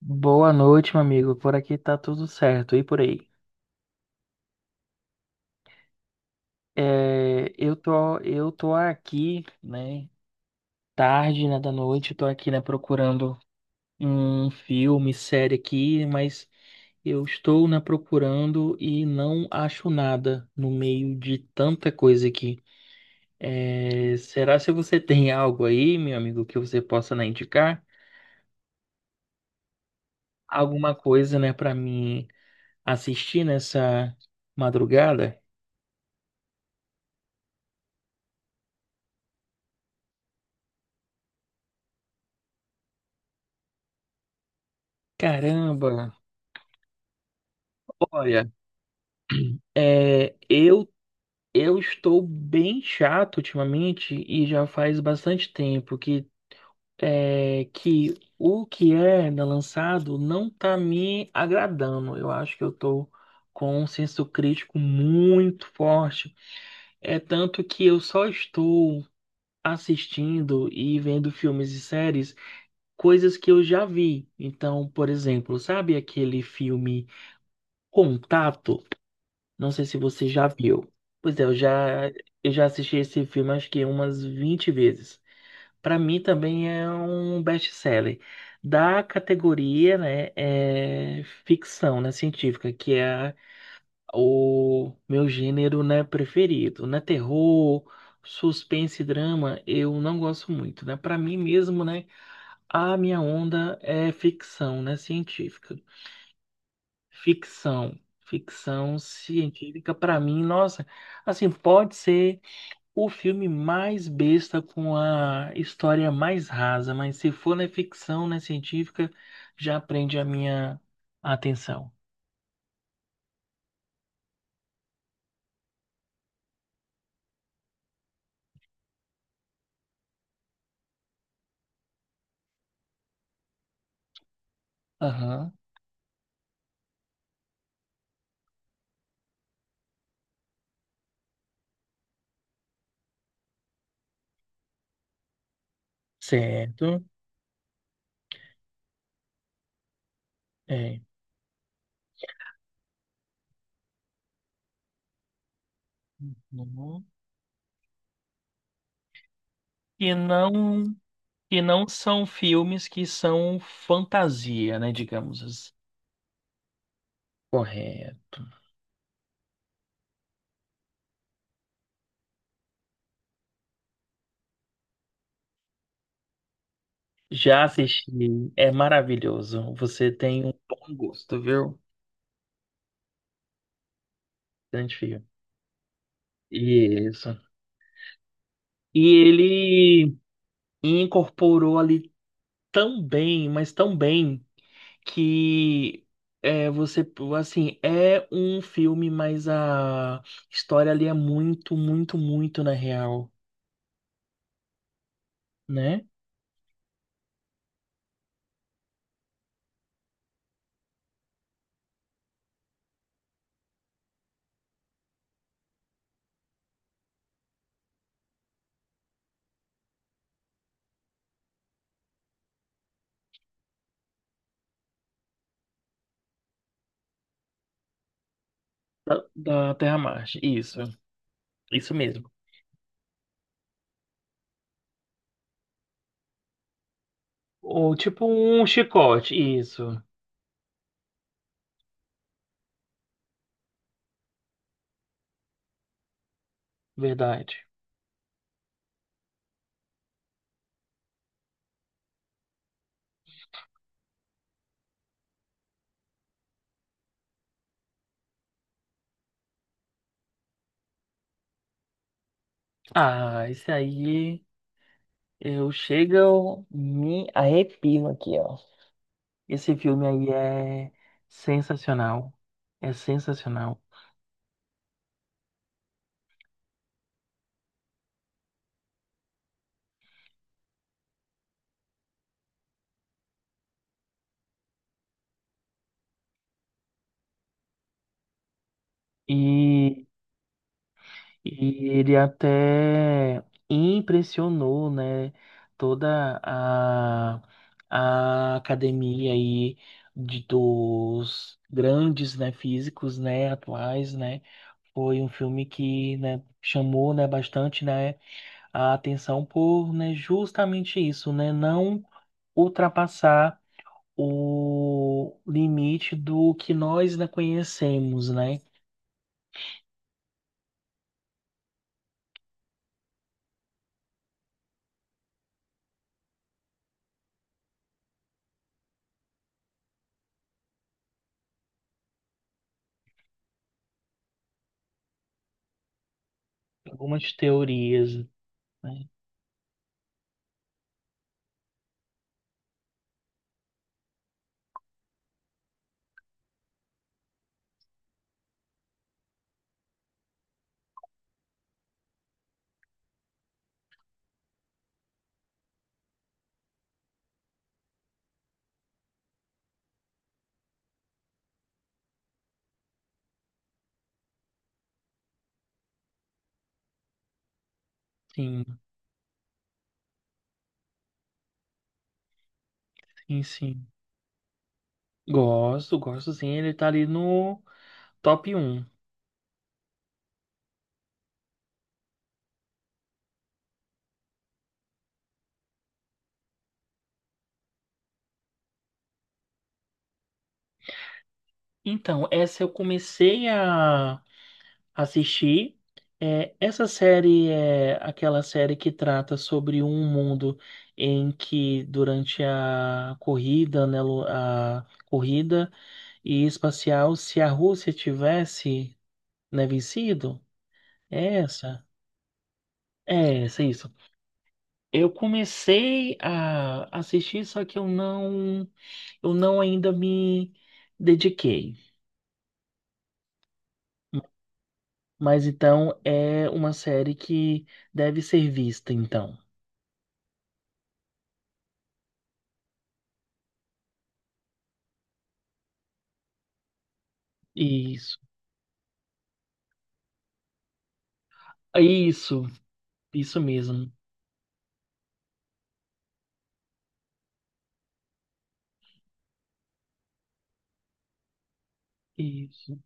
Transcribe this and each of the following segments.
Boa noite, meu amigo. Por aqui tá tudo certo. E por aí? É, eu tô aqui, né? Tarde, né, da noite. Eu tô aqui, né, procurando um filme, série aqui, mas eu estou, né, procurando e não acho nada no meio de tanta coisa aqui. É, será se você tem algo aí, meu amigo, que você possa, né, indicar? Alguma coisa, né, para mim assistir nessa madrugada? Caramba! Olha. É, eu estou bem chato ultimamente e já faz bastante tempo que o que é lançado não está me agradando. Eu acho que eu estou com um senso crítico muito forte. É tanto que eu só estou assistindo e vendo filmes e séries, coisas que eu já vi. Então, por exemplo, sabe aquele filme Contato? Não sei se você já viu. Pois é, eu já assisti esse filme acho que umas 20 vezes. Para mim também é um best-seller da categoria, né, é ficção, né, científica, que é o meu gênero, né, preferido, né, terror, suspense e drama, eu não gosto muito, né? Para mim mesmo, né, a minha onda é ficção, né, científica. Ficção. Ficção científica, pra mim, nossa, assim, pode ser o filme mais besta com a história mais rasa, mas se for na ficção, na científica, já prende a minha atenção. Aham, certo. É. Uhum. E não, e não são filmes que são fantasia, né, digamos assim. Correto. Já assisti, é maravilhoso. Você tem um bom gosto, viu? Identifica. Isso. E ele incorporou ali tão bem, mas tão bem, que é, você, assim, é um filme, mas a história ali é muito, muito, muito na real, né? Da, da Terra-Marte, isso mesmo. Ou tipo um chicote, isso, verdade. Ah, esse aí, eu chego, me arrepio aqui, ó. Esse filme aí é sensacional. É sensacional. E, e ele até impressionou, né, toda a academia aí de, dos grandes, né, físicos, né, atuais, né. Foi um filme que, né, chamou, né, bastante, né, a atenção por, né, justamente isso, né, não ultrapassar o limite do que nós ainda conhecemos, né? Algumas teorias, né? Sim, sim, sim. Gosto, gosto sim. Ele tá ali no top um. Então, essa eu comecei a assistir. É, essa série é aquela série que trata sobre um mundo em que durante a corrida, né, a corrida e espacial, se a Rússia tivesse, né, vencido, É Essa, é essa, isso. Eu comecei a assistir, só que eu não ainda me dediquei. Mas então é uma série que deve ser vista, então. Isso, isso, isso mesmo. Isso,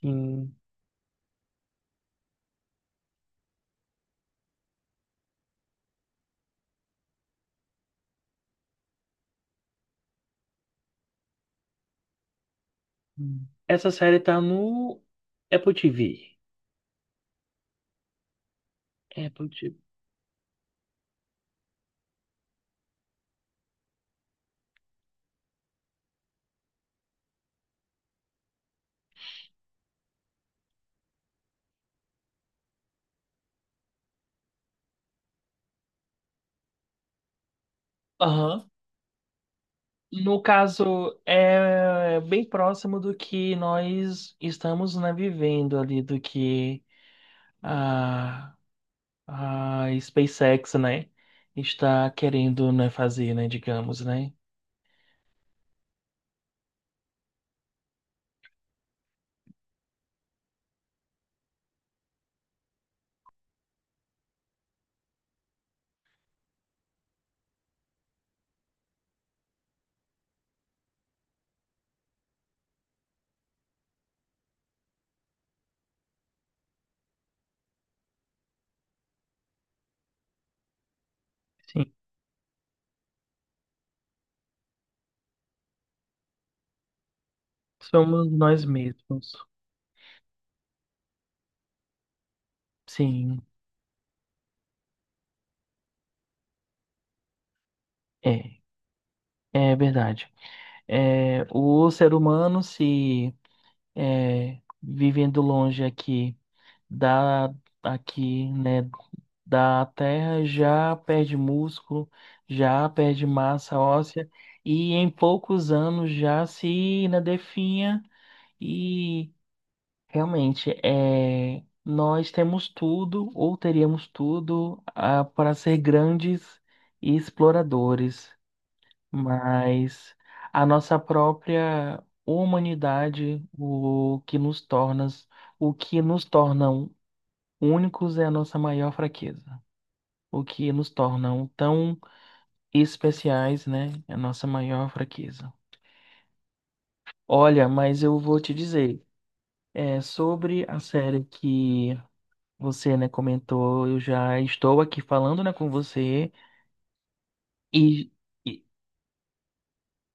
sim. Essa série tá no Apple TV. Apple TV. Aham. No caso, é bem próximo do que nós estamos, né, vivendo ali, do que a, a SpaceX, né, está querendo, né, fazer, né, digamos, né? Sim, somos nós mesmos. Sim, é, é, verdade. É, o ser humano se é, vivendo longe aqui da aqui, né, da Terra já perde músculo, já perde massa óssea e em poucos anos já se, né, definha e realmente, é, nós temos tudo, ou teríamos tudo, para ser grandes exploradores, mas a nossa própria humanidade, o que nos torna, o que nos tornam únicos é a nossa maior fraqueza. O que nos tornam tão especiais, né, é a nossa maior fraqueza. Olha, mas eu vou te dizer, sobre a série que você, né, comentou, eu já estou aqui falando, né, com você e, e,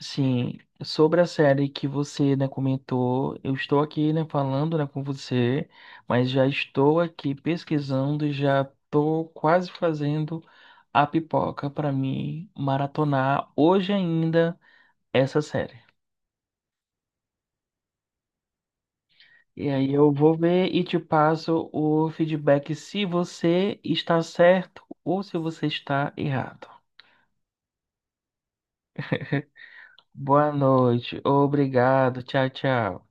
sim, sobre a série que você, né, comentou, eu estou aqui, né, falando, né, com você, mas já estou aqui pesquisando e já estou quase fazendo a pipoca para mim maratonar hoje ainda essa série. E aí eu vou ver e te passo o feedback se você está certo ou se você está errado. Boa noite. Obrigado. Tchau, tchau.